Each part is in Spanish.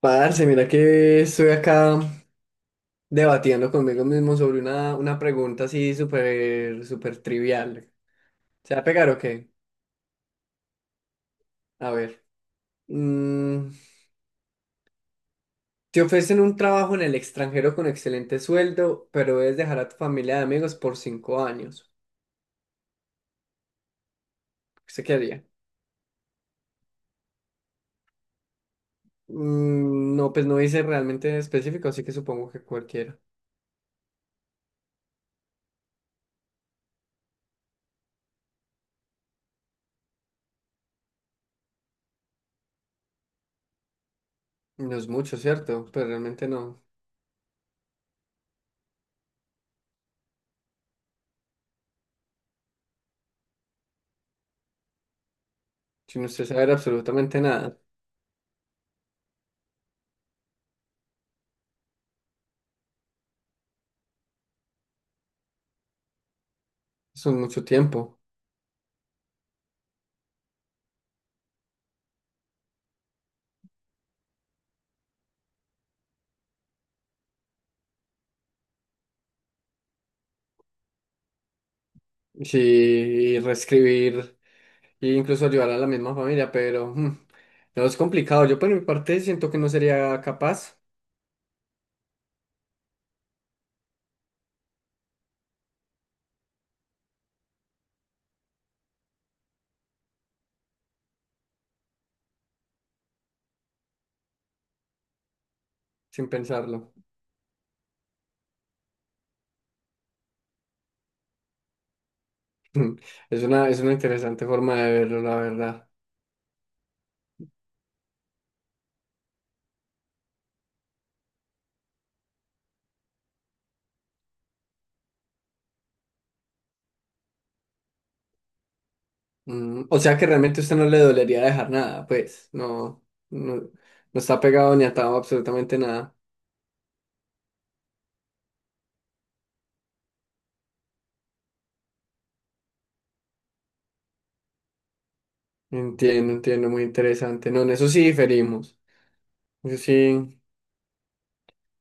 Parce, mira que estoy acá debatiendo conmigo mismo sobre una pregunta así súper, súper trivial. ¿Se va a pegar o qué? A ver. Mm, Te ofrecen un trabajo en el extranjero con excelente sueldo, pero debes dejar a tu familia de amigos por 5 años. ¿Usted qué haría? No, pues no dice realmente específico, así que supongo que cualquiera. No es mucho, ¿cierto? Pero realmente no. Sin usted saber absolutamente nada. Son mucho tiempo. Sí, y reescribir. Y incluso ayudar a la misma familia, pero no es complicado. Yo por mi parte siento que no sería capaz sin pensarlo. Mm, Es una, es una, interesante forma de verlo, la verdad. O sea que realmente a usted no le dolería dejar nada, pues no, no, no está pegado ni atado a absolutamente nada. Entiendo, entiendo, muy interesante. No, en eso sí diferimos. Eso sí,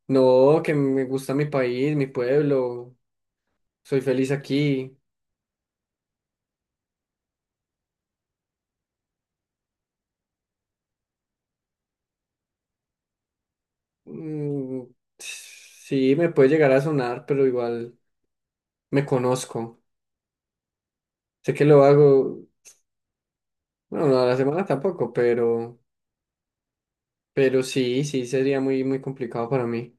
no, que me gusta mi país, mi pueblo, soy feliz aquí. Mm, sí, me puede llegar a sonar, pero igual me conozco. Sé que lo hago, bueno, no a la semana tampoco, pero, sí, sí, sería muy, muy complicado para mí.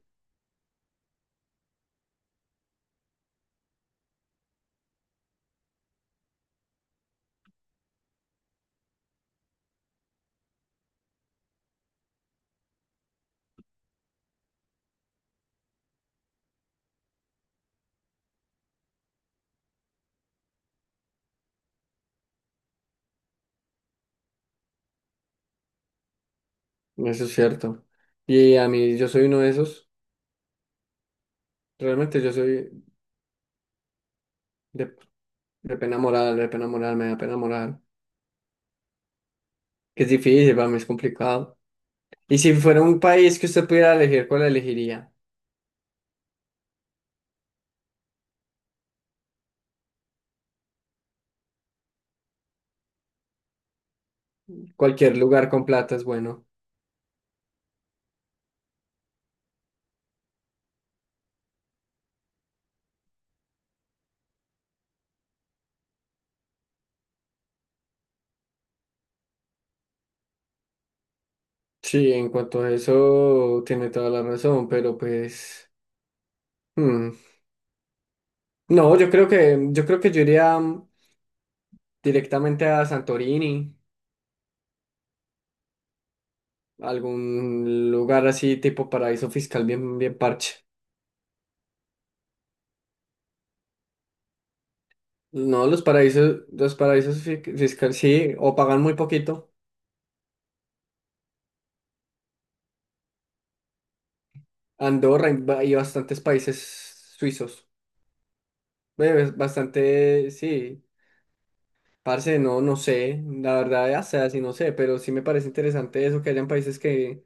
Eso es cierto. Y a mí, yo soy uno de esos. Realmente yo soy de, de pena moral, de pena moral, me da pena moral. Que es difícil, para mí es complicado. Y si fuera un país que usted pudiera elegir, ¿cuál elegiría? Cualquier lugar con plata es bueno. Sí, en cuanto a eso, tiene toda la razón, pero pues, hmm, no, yo creo que, yo creo que yo iría directamente a Santorini, algún lugar así tipo paraíso fiscal bien, bien parche. No, los paraísos fiscales sí, o pagan muy poquito. Andorra y bastantes países suizos. Bastante, sí. Parce, no, no sé, la verdad, ya sea, sí, no sé, pero sí me parece interesante eso, que hayan países que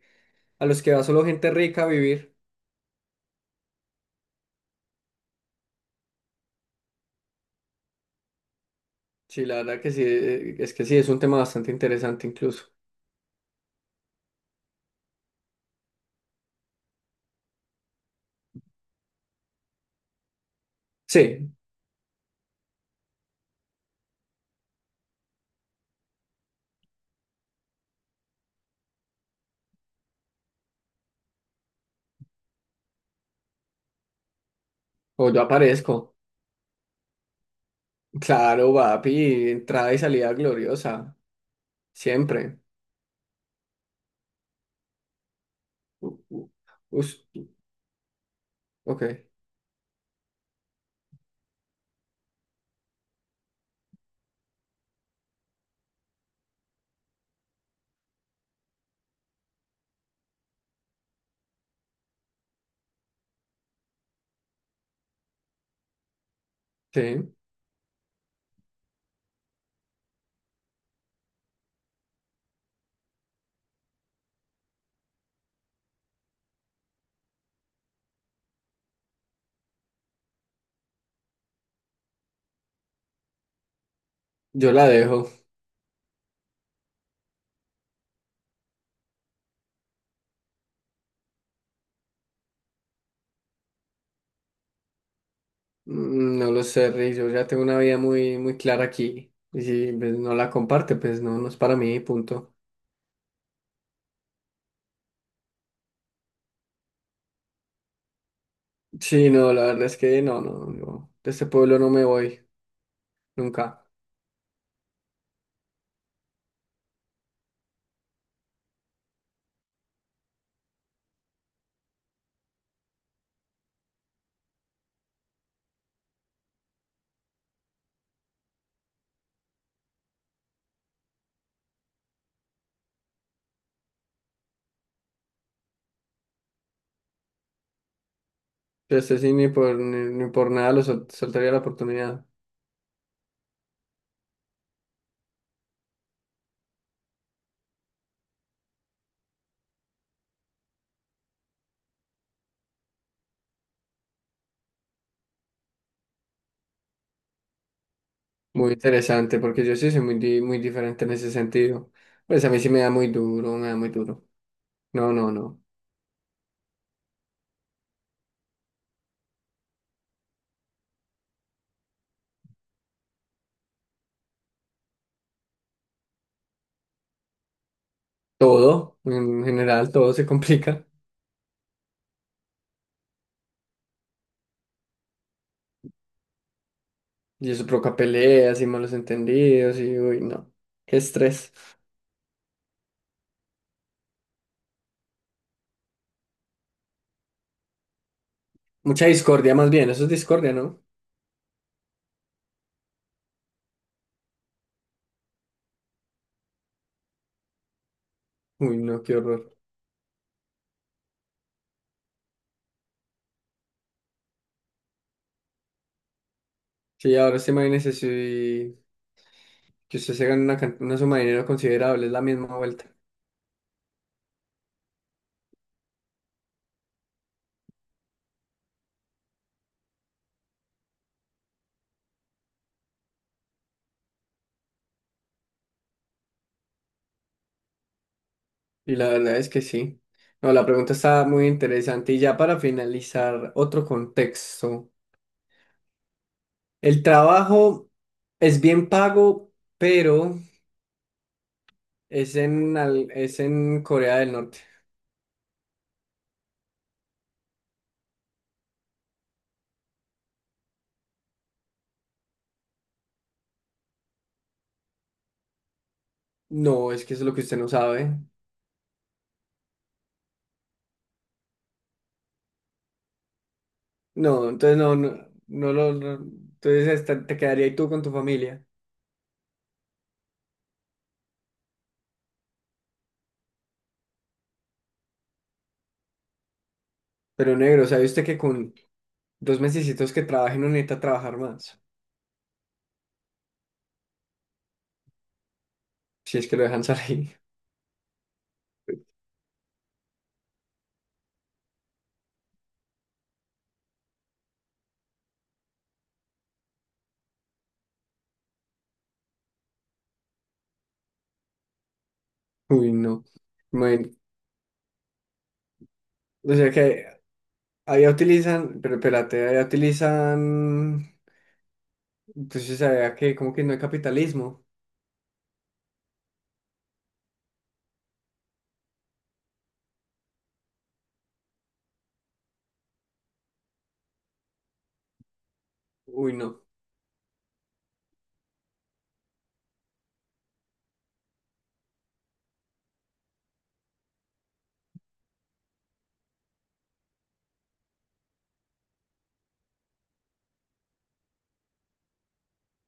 a los que va solo gente rica a vivir. Sí, la verdad que sí, es que sí, es un tema bastante interesante incluso. Sí, o yo aparezco. Claro, papi, entrada y salida gloriosa, siempre. U- u- us- ok, sí, yo la dejo. No lo sé, Rick, yo ya tengo una vida muy, muy clara aquí. Y si pues, no la comparte, pues no, no es para mí, punto. Sí, no, la verdad es que no, no, yo de este pueblo no me voy, nunca. Este sí, ni por nada lo soltaría la oportunidad. Muy interesante, porque yo sí soy muy diferente en ese sentido. Pues a mí sí me da muy duro, me da muy duro. No, no, no. Todo, en general, todo se complica. Y eso provoca peleas y malos entendidos y, uy, no. Qué estrés. Mucha discordia más bien, eso es discordia, ¿no? Uy, no, qué horror. Sí, ahora sí imagínese si que usted se gana una suma de dinero considerable, es la misma vuelta. Y la verdad es que sí. No, la pregunta está muy interesante. Y ya para finalizar, otro contexto. El trabajo es bien pago, pero es en Corea del Norte. No, es que eso es lo que usted no sabe. No, entonces no, no, no lo, entonces hasta te quedaría ahí tú con tu familia. Pero negro, ¿sabe usted que con 2 mesecitos que trabaje no necesita trabajar más? Si es que lo dejan salir. Uy, no. Bueno, o sea que allá utilizan, pero espérate, allá utilizan, entonces allá que como que no hay capitalismo. Uy, no,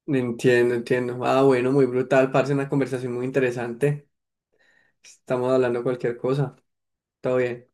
no entiendo, entiendo. Ah, bueno, muy brutal, parce, una conversación muy interesante. Estamos hablando cualquier cosa. Todo bien.